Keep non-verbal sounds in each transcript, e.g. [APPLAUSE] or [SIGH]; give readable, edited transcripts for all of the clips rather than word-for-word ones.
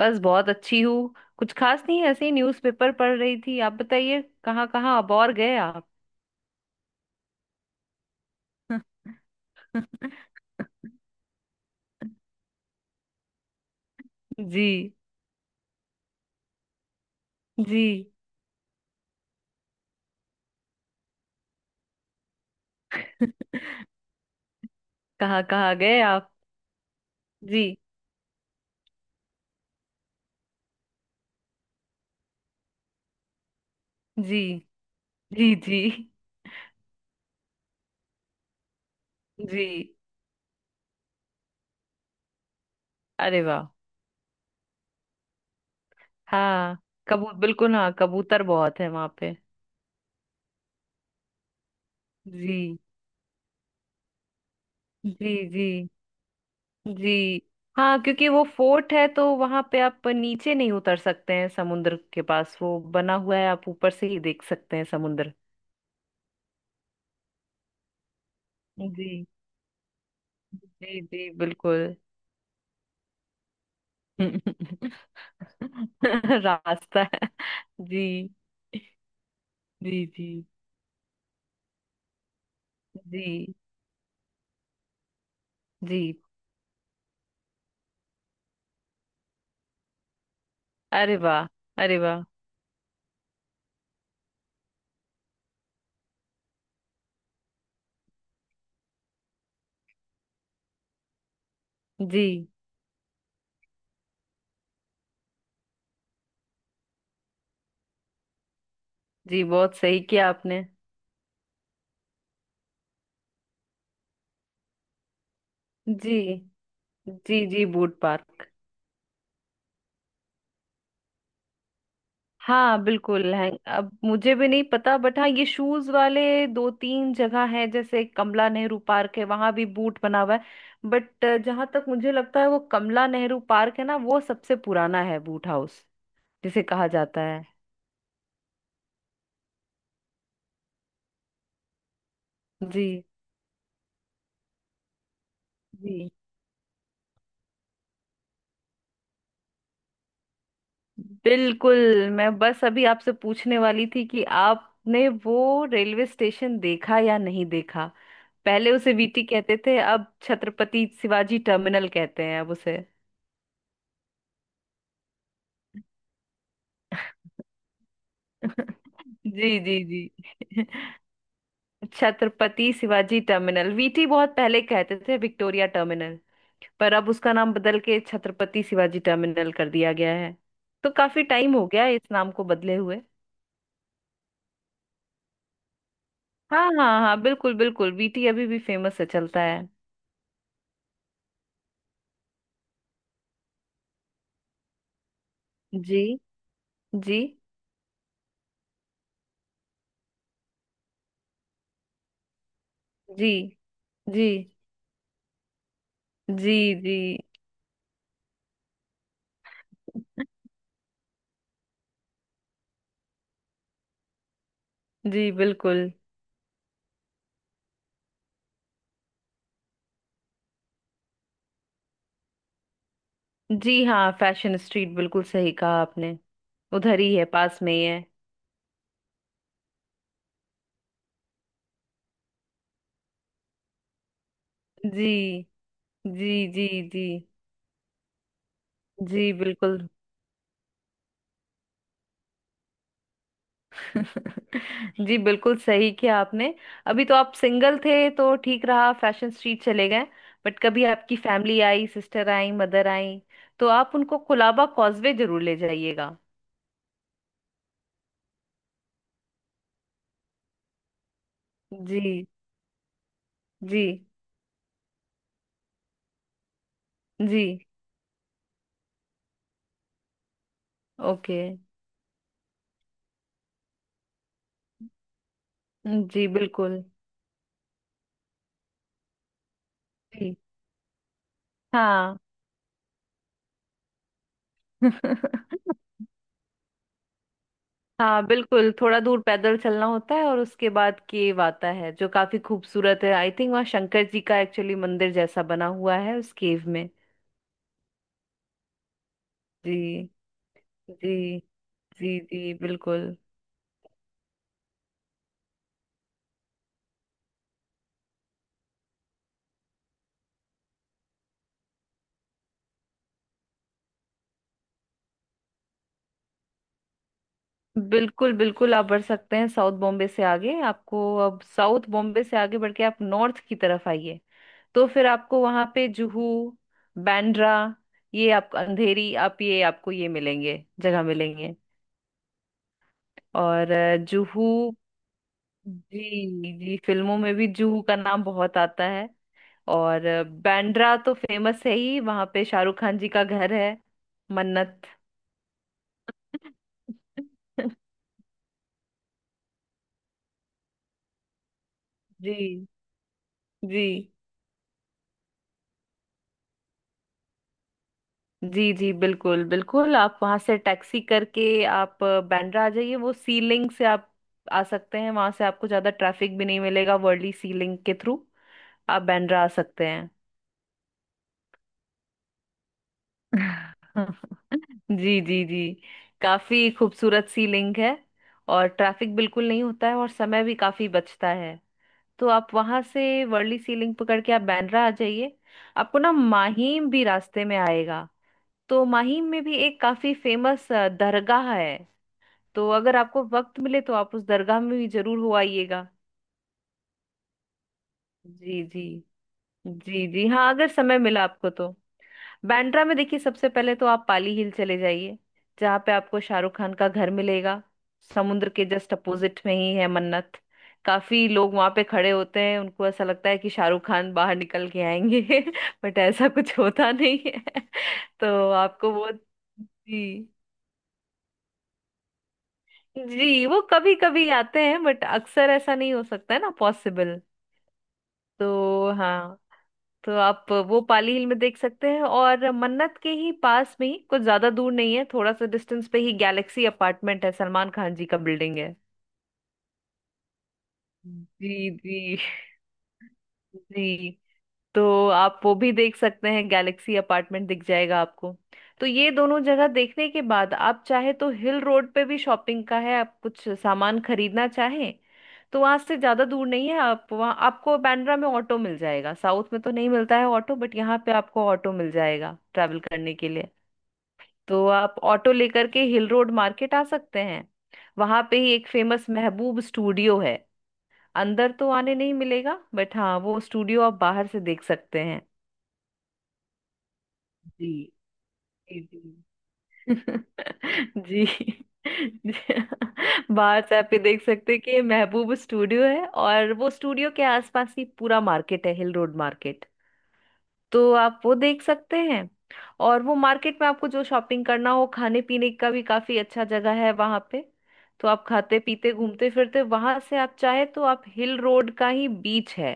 बस बहुत अच्छी हूँ। कुछ खास नहीं, ऐसे ही न्यूज़पेपर पढ़ रही थी। आप बताइए, कहाँ कहाँ आप और गए आप? [LAUGHS] जी जी। कहाँ कहाँ गए आप? जी। जी जी जी जी। अरे वाह। हाँ, कबू बिल्कुल, हाँ, कबूतर बहुत है वहां पे। जी जी। जी जी। हाँ, क्योंकि वो फोर्ट है तो वहां पे आप नीचे नहीं उतर सकते हैं समुद्र के पास। वो बना हुआ है, आप ऊपर से ही देख सकते हैं समुद्र। जी जी। जी बिल्कुल। [LAUGHS] रास्ता है। जी जी जी जी जी। अरे वाह। अरे वाह। जी। जी, बहुत सही किया आपने। जी जी जी, बूट पार्क। हाँ, बिल्कुल है। अब मुझे भी नहीं पता, बट हाँ, ये शूज वाले दो तीन जगह है। जैसे कमला नेहरू पार्क है, वहां भी बूट बना हुआ है, बट जहां तक मुझे लगता है वो कमला नेहरू पार्क है ना, वो सबसे पुराना है बूट हाउस जिसे कहा जाता है। जी जी बिल्कुल। मैं बस अभी आपसे पूछने वाली थी कि आपने वो रेलवे स्टेशन देखा या नहीं देखा। पहले उसे वीटी कहते थे, अब छत्रपति शिवाजी टर्मिनल कहते हैं अब उसे। [LAUGHS] जी जी जी। [LAUGHS] छत्रपति शिवाजी टर्मिनल। वीटी बहुत पहले कहते थे, विक्टोरिया टर्मिनल। पर अब उसका नाम बदल के छत्रपति शिवाजी टर्मिनल कर दिया गया है। तो काफी टाइम हो गया है इस नाम को बदले हुए। हाँ हाँ हाँ, बिल्कुल बिल्कुल। वीटी अभी भी फेमस है, चलता है। जी जी जी। जी जी। जी जी बिल्कुल। जी हाँ, फैशन स्ट्रीट, बिल्कुल सही कहा आपने। उधर ही है, पास में ही है। जी जी जी जी जी बिल्कुल। [LAUGHS] जी बिल्कुल सही किया आपने। अभी तो आप सिंगल थे तो ठीक रहा, फैशन स्ट्रीट चले गए। बट कभी आपकी फैमिली आई, सिस्टर आई, मदर आई, तो आप उनको कुलाबा कॉजवे जरूर ले जाइएगा। जी जी। जी, ओके। जी बिल्कुल। जी, हाँ। [LAUGHS] हाँ बिल्कुल, थोड़ा दूर पैदल चलना होता है और उसके बाद केव आता है जो काफी खूबसूरत है। आई थिंक वहाँ शंकर जी का एक्चुअली मंदिर जैसा बना हुआ है उस केव में। जी जी। जी जी बिल्कुल। बिल्कुल बिल्कुल, आप बढ़ सकते हैं साउथ बॉम्बे से आगे। आपको अब साउथ बॉम्बे से आगे बढ़ के आप नॉर्थ की तरफ आइए। तो फिर आपको वहां पे जुहू, बांद्रा, ये आप अंधेरी, आप ये आपको ये मिलेंगे जगह मिलेंगे। और जूहू। जी जी, फिल्मों में भी जूहू का नाम बहुत आता है। और बांद्रा तो फेमस है ही, वहां पे शाहरुख खान जी का घर है, मन्नत। [LAUGHS] जी जी जी। जी बिल्कुल बिल्कुल, आप वहां से टैक्सी करके आप बांद्रा आ जाइए, वो सी लिंक से आप आ सकते हैं। वहां से आपको ज्यादा ट्रैफिक भी नहीं मिलेगा, वर्ली सी लिंक के थ्रू आप बांद्रा आ सकते हैं। [LAUGHS] जी जी जी। काफी खूबसूरत सी लिंक है, और ट्रैफिक बिल्कुल नहीं होता है और समय भी काफी बचता है। तो आप वहां से वर्ली सी लिंक पकड़ के आप बांद्रा आ जाइए। आपको ना माहिम भी रास्ते में आएगा। तो माहिम में भी एक काफी फेमस दरगाह है। तो अगर आपको वक्त मिले तो आप उस दरगाह में भी जरूर हो आइएगा। जी जी। जी जी हाँ, अगर समय मिला आपको तो। बांद्रा में देखिए, सबसे पहले तो आप पाली हिल चले जाइए, जहाँ पे आपको शाहरुख खान का घर मिलेगा। समुद्र के जस्ट अपोजिट में ही है मन्नत। काफी लोग वहां पे खड़े होते हैं, उनको ऐसा लगता है कि शाहरुख खान बाहर निकल के आएंगे, [LAUGHS] बट ऐसा कुछ होता नहीं है। [LAUGHS] तो आपको वो। जी। जी, वो कभी कभी आते हैं बट अक्सर ऐसा नहीं हो सकता है ना पॉसिबल। तो हाँ। तो आप वो पाली हिल में देख सकते हैं। और मन्नत के ही पास में ही कुछ ज्यादा दूर नहीं है, थोड़ा सा डिस्टेंस पे ही गैलेक्सी अपार्टमेंट है, सलमान खान जी का बिल्डिंग है। जी जी। [LAUGHS] जी। तो आप वो भी देख सकते हैं, गैलेक्सी अपार्टमेंट दिख जाएगा आपको। तो ये दोनों जगह देखने के बाद आप चाहे तो हिल रोड पे भी शॉपिंग का है, आप कुछ सामान खरीदना चाहें। तो वहां से ज्यादा दूर नहीं है, आप वहाँ आपको बांद्रा में ऑटो मिल जाएगा। साउथ में तो नहीं मिलता है ऑटो, बट यहाँ पे आपको ऑटो मिल जाएगा ट्रैवल करने के लिए। तो आप ऑटो लेकर के हिल रोड मार्केट आ सकते हैं। वहां पे ही एक फेमस महबूब स्टूडियो है। अंदर तो आने नहीं मिलेगा, बट हाँ वो स्टूडियो आप बाहर से देख सकते हैं। जी जी। जी [LAUGHS] जी। जी। बाहर से आप ये देख सकते हैं कि ये महबूब स्टूडियो है। और वो स्टूडियो के आसपास ही पूरा मार्केट है, हिल रोड मार्केट। तो आप वो देख सकते हैं। और वो मार्केट में आपको जो शॉपिंग करना हो, खाने पीने का भी काफी अच्छा जगह है वहां पे। तो आप खाते पीते घूमते फिरते वहां से आप चाहे तो आप हिल रोड का ही बीच है।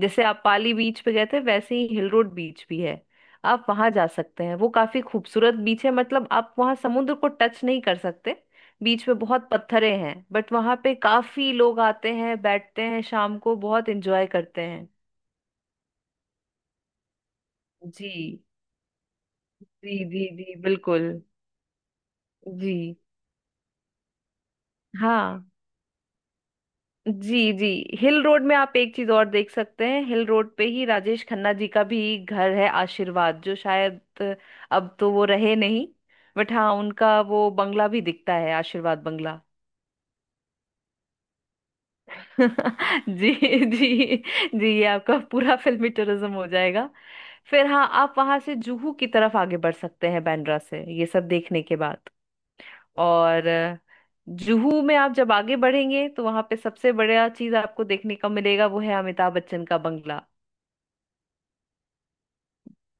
जैसे आप पाली बीच पे गए थे, वैसे ही हिल रोड बीच भी है। आप वहां जा सकते हैं, वो काफी खूबसूरत बीच है। मतलब आप वहां समुद्र को टच नहीं कर सकते, बीच में बहुत पत्थरे हैं। बट वहां पे काफी लोग आते हैं, बैठते हैं, शाम को बहुत एंजॉय करते हैं। जी जी जी जी बिल्कुल। जी। हाँ जी जी, हिल रोड में आप एक चीज और देख सकते हैं। हिल रोड पे ही राजेश खन्ना जी का भी घर है, आशीर्वाद, जो शायद अब तो वो रहे नहीं। बट हाँ, उनका वो बंगला भी दिखता है, आशीर्वाद बंगला। [LAUGHS] जी जी। जी, ये आपका पूरा फिल्मी टूरिज्म हो जाएगा। फिर हाँ, आप वहां से जुहू की तरफ आगे बढ़ सकते हैं, बांद्रा से ये सब देखने के बाद। और जुहू में आप जब आगे बढ़ेंगे तो वहां पे सबसे बड़ा चीज आपको देखने का मिलेगा, वो है अमिताभ बच्चन का बंगला।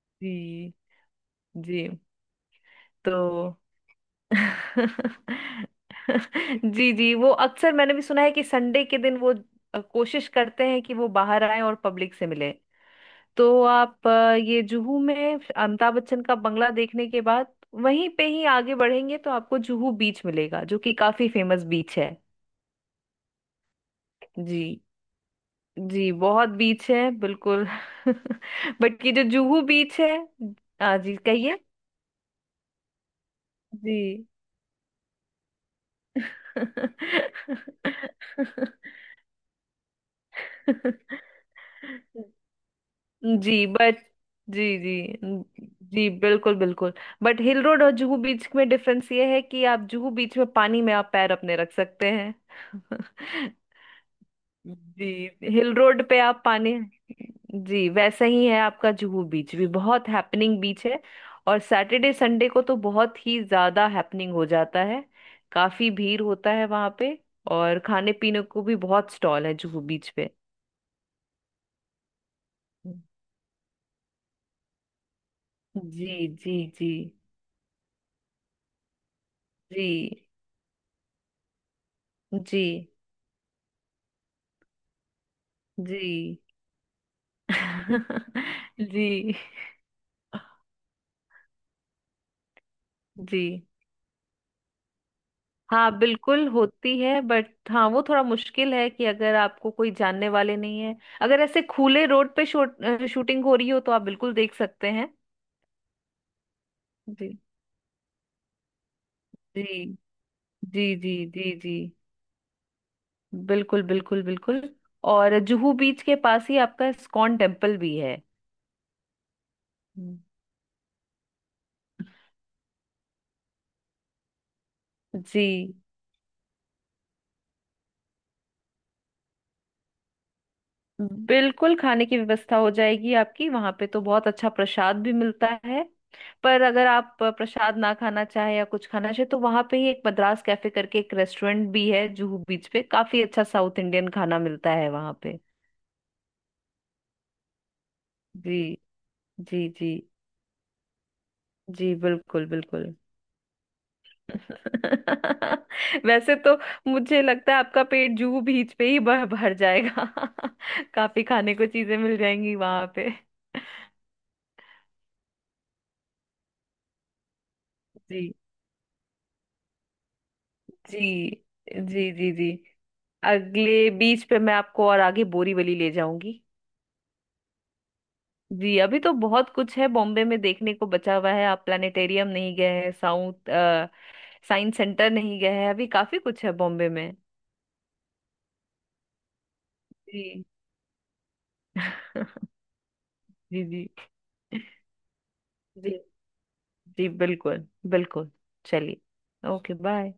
जी जी। तो [LAUGHS] जी जी, वो अक्सर मैंने भी सुना है कि संडे के दिन वो कोशिश करते हैं कि वो बाहर आए और पब्लिक से मिले। तो आप ये जुहू में अमिताभ बच्चन का बंगला देखने के बाद वहीं पे ही आगे बढ़ेंगे तो आपको जुहू बीच मिलेगा, जो कि काफी फेमस बीच है। जी जी, बहुत बीच है बिल्कुल। [LAUGHS] बट ये जो जुहू बीच है। हाँ जी कहिए। जी। [LAUGHS] [LAUGHS] जी, बट। जी जी जी बिल्कुल बिल्कुल। बट हिल रोड और जुहू बीच में डिफरेंस ये है कि आप जुहू बीच में पानी में आप पैर अपने रख सकते हैं। [LAUGHS] जी, हिल रोड पे आप पानी। जी, वैसा ही है। आपका जुहू बीच भी बहुत हैपनिंग बीच है। और सैटरडे संडे को तो बहुत ही ज्यादा हैपनिंग हो जाता है, काफी भीड़ होता है वहां पे। और खाने पीने को भी बहुत स्टॉल है जुहू बीच पे। जी जी जी जी जी। जी [LAUGHS] जी जी। हाँ बिल्कुल होती है, बट हाँ वो थोड़ा मुश्किल है कि अगर आपको कोई जानने वाले नहीं है। अगर ऐसे खुले रोड पे शूटिंग हो रही हो तो आप बिल्कुल देख सकते हैं। जी जी जी जी जी। जी बिल्कुल बिल्कुल बिल्कुल। और जुहू बीच के पास ही आपका इस्कॉन टेम्पल भी है। हम्म। जी बिल्कुल, खाने की व्यवस्था हो जाएगी आपकी। वहां पे तो बहुत अच्छा प्रसाद भी मिलता है। पर अगर आप प्रसाद ना खाना चाहे या कुछ खाना चाहे तो वहां पे ही एक मद्रास कैफे करके एक रेस्टोरेंट भी है जुहू बीच पे, काफी अच्छा साउथ इंडियन खाना मिलता है वहां पे। जी जी। जी जी बिल्कुल बिल्कुल। [LAUGHS] वैसे तो मुझे लगता है आपका पेट जुहू बीच पे ही भर भर जाएगा। [LAUGHS] काफी खाने को चीजें मिल जाएंगी वहां पे। जी जी जी जी जी। अगले बीच पे मैं आपको और आगे बोरीवली ले जाऊंगी। जी, अभी तो बहुत कुछ है बॉम्बे में देखने को बचा हुआ है। आप प्लानिटेरियम नहीं गए हैं, साउथ साइंस सेंटर नहीं गए हैं, अभी काफी कुछ है बॉम्बे में। जी [LAUGHS] जी जी। जी जी बिल्कुल बिल्कुल। चलिए, ओके, बाय।